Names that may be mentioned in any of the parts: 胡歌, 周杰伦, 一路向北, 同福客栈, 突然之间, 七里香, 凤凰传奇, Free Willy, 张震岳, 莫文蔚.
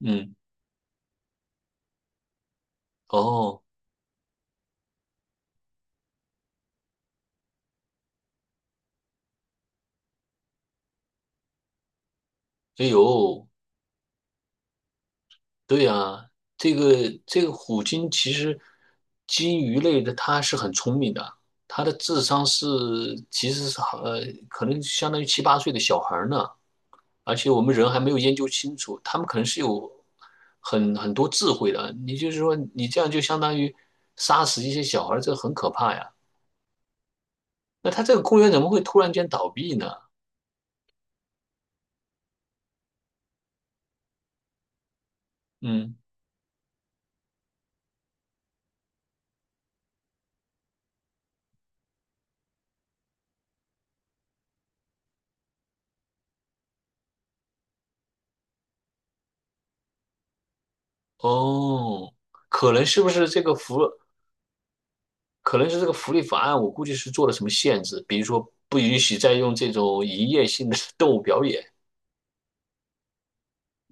嗯，哦，哎呦，对呀，这个这个虎鲸其实鲸鱼类的它是很聪明的，它的智商是其实是好可能相当于七八岁的小孩儿呢，而且我们人还没有研究清楚，他们可能是有很多智慧的。你就是说你这样就相当于杀死一些小孩儿，这很可怕呀。那它这个公园怎么会突然间倒闭呢？嗯，哦。可能是不是这个福？可能是这个福利法案，我估计是做了什么限制，比如说不允许再用这种营业性的 动物表演。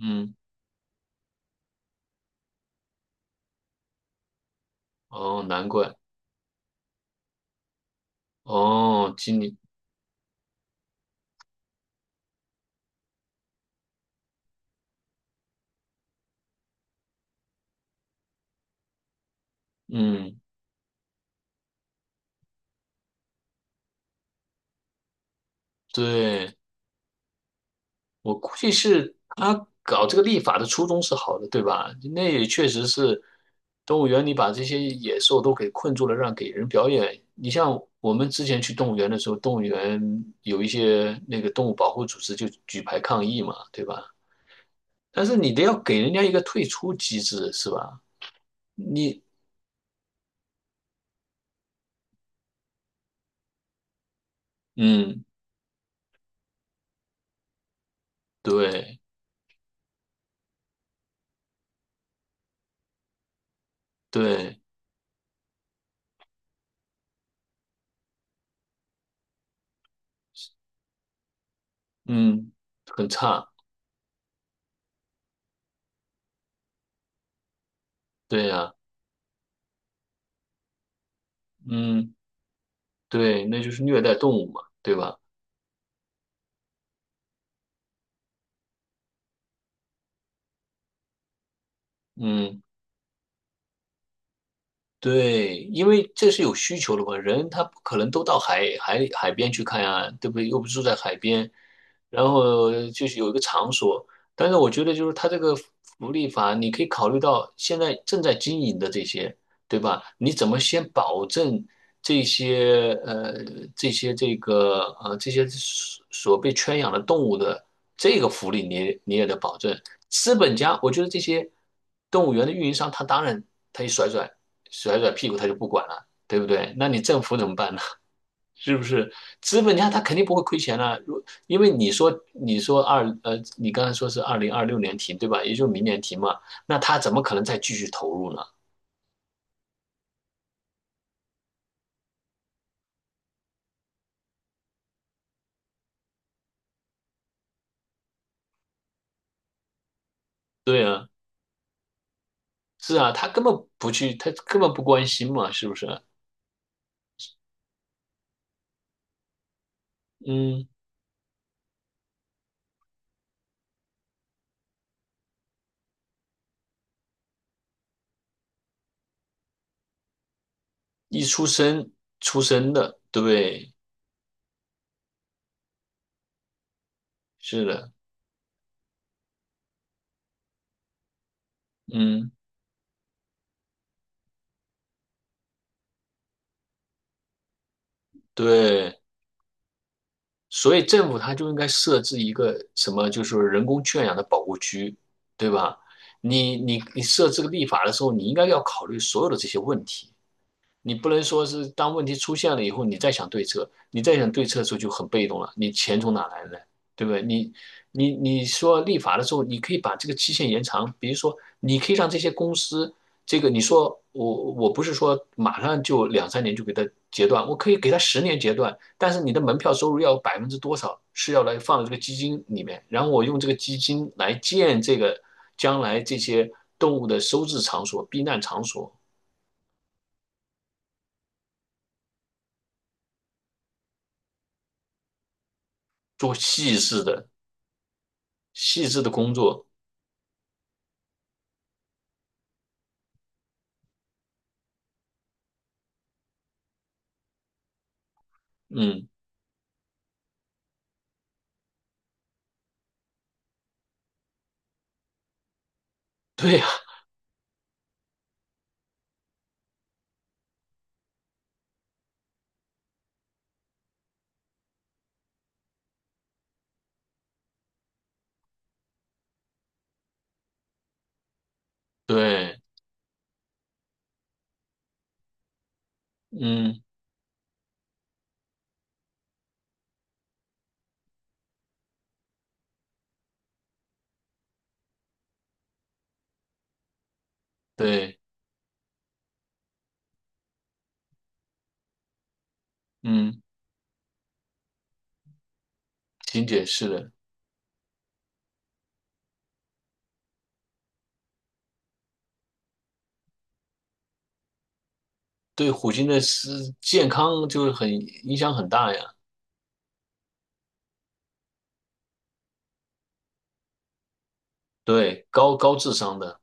嗯，哦，难怪，哦，今年，嗯，对，我估计是他搞这个立法的初衷是好的，对吧？那也确实是，动物园里把这些野兽都给困住了，让给人表演。你像我们之前去动物园的时候，动物园有一些那个动物保护组织就举牌抗议嘛，对吧？但是你得要给人家一个退出机制，是吧？你，嗯，对对，嗯，很差，对呀，嗯，对，那就是虐待动物嘛，对吧？嗯。对，因为这是有需求的嘛，人他不可能都到海边去看呀，对不对？又不住在海边，然后就是有一个场所。但是我觉得就是他这个福利法，你可以考虑到现在正在经营的这些，对吧？你怎么先保证这些呃这些所被圈养的动物的这个福利你也得保证。资本家，我觉得这些动物园的运营商他当然他一甩甩。甩甩屁股他就不管了，对不对？那你政府怎么办呢？是不是资本家他肯定不会亏钱啊，因为你说你刚才说是2026年停对吧？也就是明年停嘛，那他怎么可能再继续投入呢？对啊，是啊，他根本不去，他根本不关心嘛，是不是？嗯，一出生出生的，对，是的，嗯，对。所以政府它就应该设置一个什么，就是人工圈养的保护区，对吧？你设置个立法的时候，你应该要考虑所有的这些问题。你不能说是当问题出现了以后，你再想对策，你再想对策的时候就很被动了，你钱从哪来呢？对不对？你说立法的时候，你可以把这个期限延长，比如说你可以让这些公司，这个你说我不是说马上就两三年就给它截断，我可以给它十年截断，但是你的门票收入要百分之多少是要来放到这个基金里面，然后我用这个基金来建这个将来这些动物的收治场所、避难场所，做细致的细致的工作，嗯，对呀，对，嗯，对，嗯，金姐是的，对虎鲸的是健康就是很影响很大呀，对，高智商的，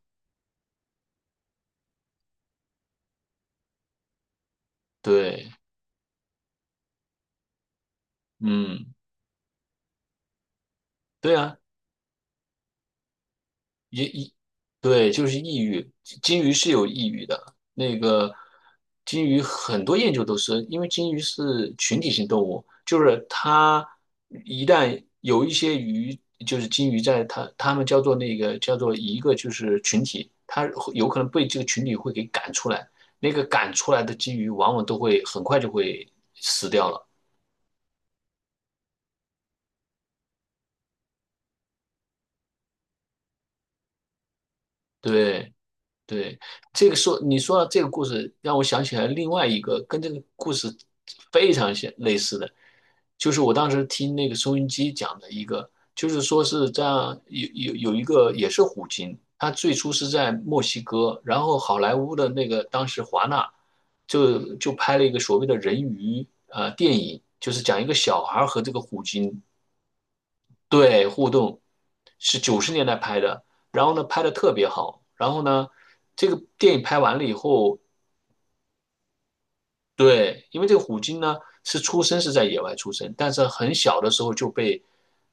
对，嗯，对呀。也抑，对，就是抑郁。金鱼是有抑郁的，那个金鱼很多研究都是，因为金鱼是群体性动物，就是它一旦有一些鱼，就是金鱼在它它们叫做那个叫做一个就是群体，它会有可能被这个群体会给赶出来，那个赶出来的金鱼往往都会很快就会死掉了。对，对，这个说你说到这个故事，让我想起来另外一个跟这个故事非常像类似的，就是我当时听那个收音机讲的一个，就是说是这样有一个也是虎鲸，它最初是在墨西哥，然后好莱坞的那个当时华纳就拍了一个所谓的人鱼电影，就是讲一个小孩和这个虎鲸对，互动是90年代拍的，然后呢拍的特别好，然后呢，这个电影拍完了以后，对，因为这个虎鲸呢是出生是在野外出生，但是很小的时候就被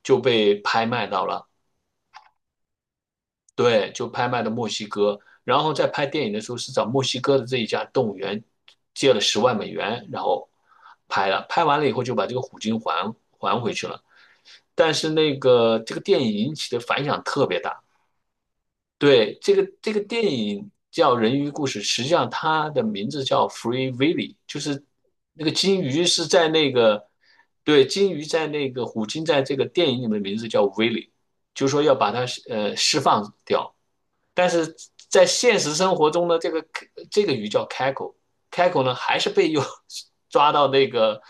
拍卖到了，对，就拍卖到墨西哥，然后在拍电影的时候是找墨西哥的这一家动物园借了10万美元，然后拍了，拍完了以后就把这个虎鲸还回去了，但是那个这个电影引起的反响特别大。对，这个电影叫《人鱼故事》，实际上它的名字叫《Free Willy》，就是那个金鱼是在那个，对，金鱼在那个虎鲸在这个电影里面的名字叫 Willy，就是说要把它释放掉。但是在现实生活中呢，这个鱼叫开口，开口呢还是被又抓到那个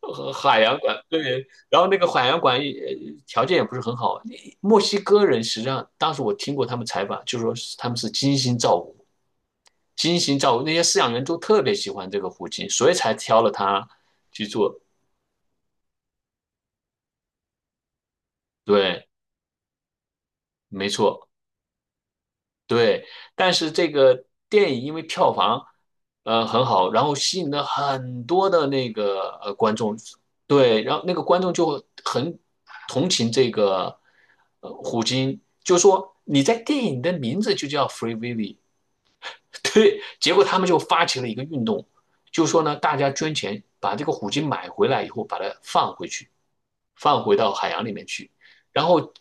海洋馆，对，然后那个海洋馆也条件也不是很好。墨西哥人实际上当时我听过他们采访，就说是他们是精心照顾，精心照顾，那些饲养员都特别喜欢这个虎鲸，所以才挑了它去做。对，没错。对，但是这个电影因为票房很好，然后吸引了很多的那个观众，对，然后那个观众就会很同情这个虎鲸，就说你在电影的名字就叫 Free Willy，对，结果他们就发起了一个运动，就说呢，大家捐钱把这个虎鲸买回来以后，把它放回去，放回到海洋里面去。然后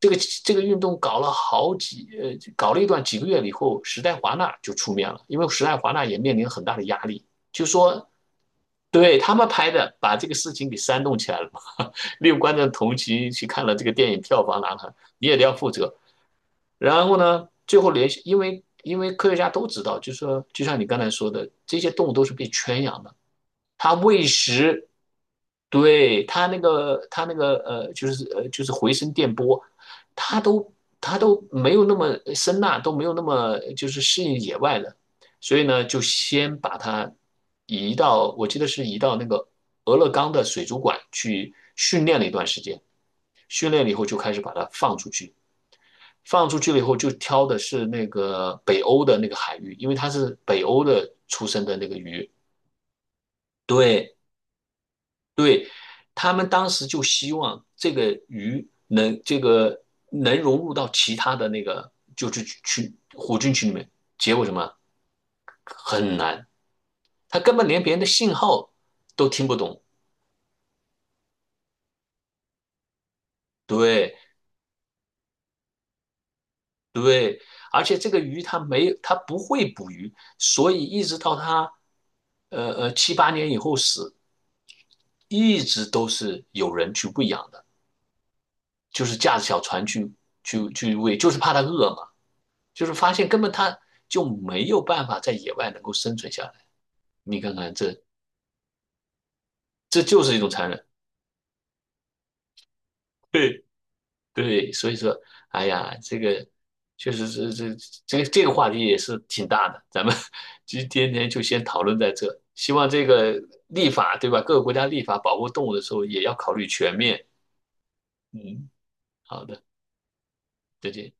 这个这个运动搞了好几呃，搞了一段几个月以后，时代华纳就出面了，因为时代华纳也面临很大的压力，就说对他们拍的，把这个事情给煽动起来了嘛，六观众同情去看了这个电影票房拿了，你也得要负责。然后呢，最后联系，因为科学家都知道，就是说就像你刚才说的，这些动物都是被圈养的，它喂食，对它那个，就是回声电波，它都它都没有那么声呐，都没有那么就是适应野外的，所以呢，就先把它移到，我记得是移到那个俄勒冈的水族馆去训练了一段时间，训练了以后就开始把它放出去。放出去了以后，就挑的是那个北欧的那个海域，因为它是北欧的出生的那个鱼。对，对，他们当时就希望这个鱼能这个能融入到其他的那个就是群虎鲸群里面，结果什么很难，它根本连别人的信号都听不懂。对。对，而且这个鱼它没，它不会捕鱼，所以一直到它，七八年以后死，一直都是有人去喂养的，就是驾着小船去喂，就是怕它饿嘛，就是发现根本它就没有办法在野外能够生存下来。你看看这，这就是一种残忍。对。对，所以说，哎呀，这个确实是这个话题也是挺大的，咱们 今天就先讨论在这。希望这个立法，对吧？各个国家立法保护动物的时候，也要考虑全面。嗯，好的，再见。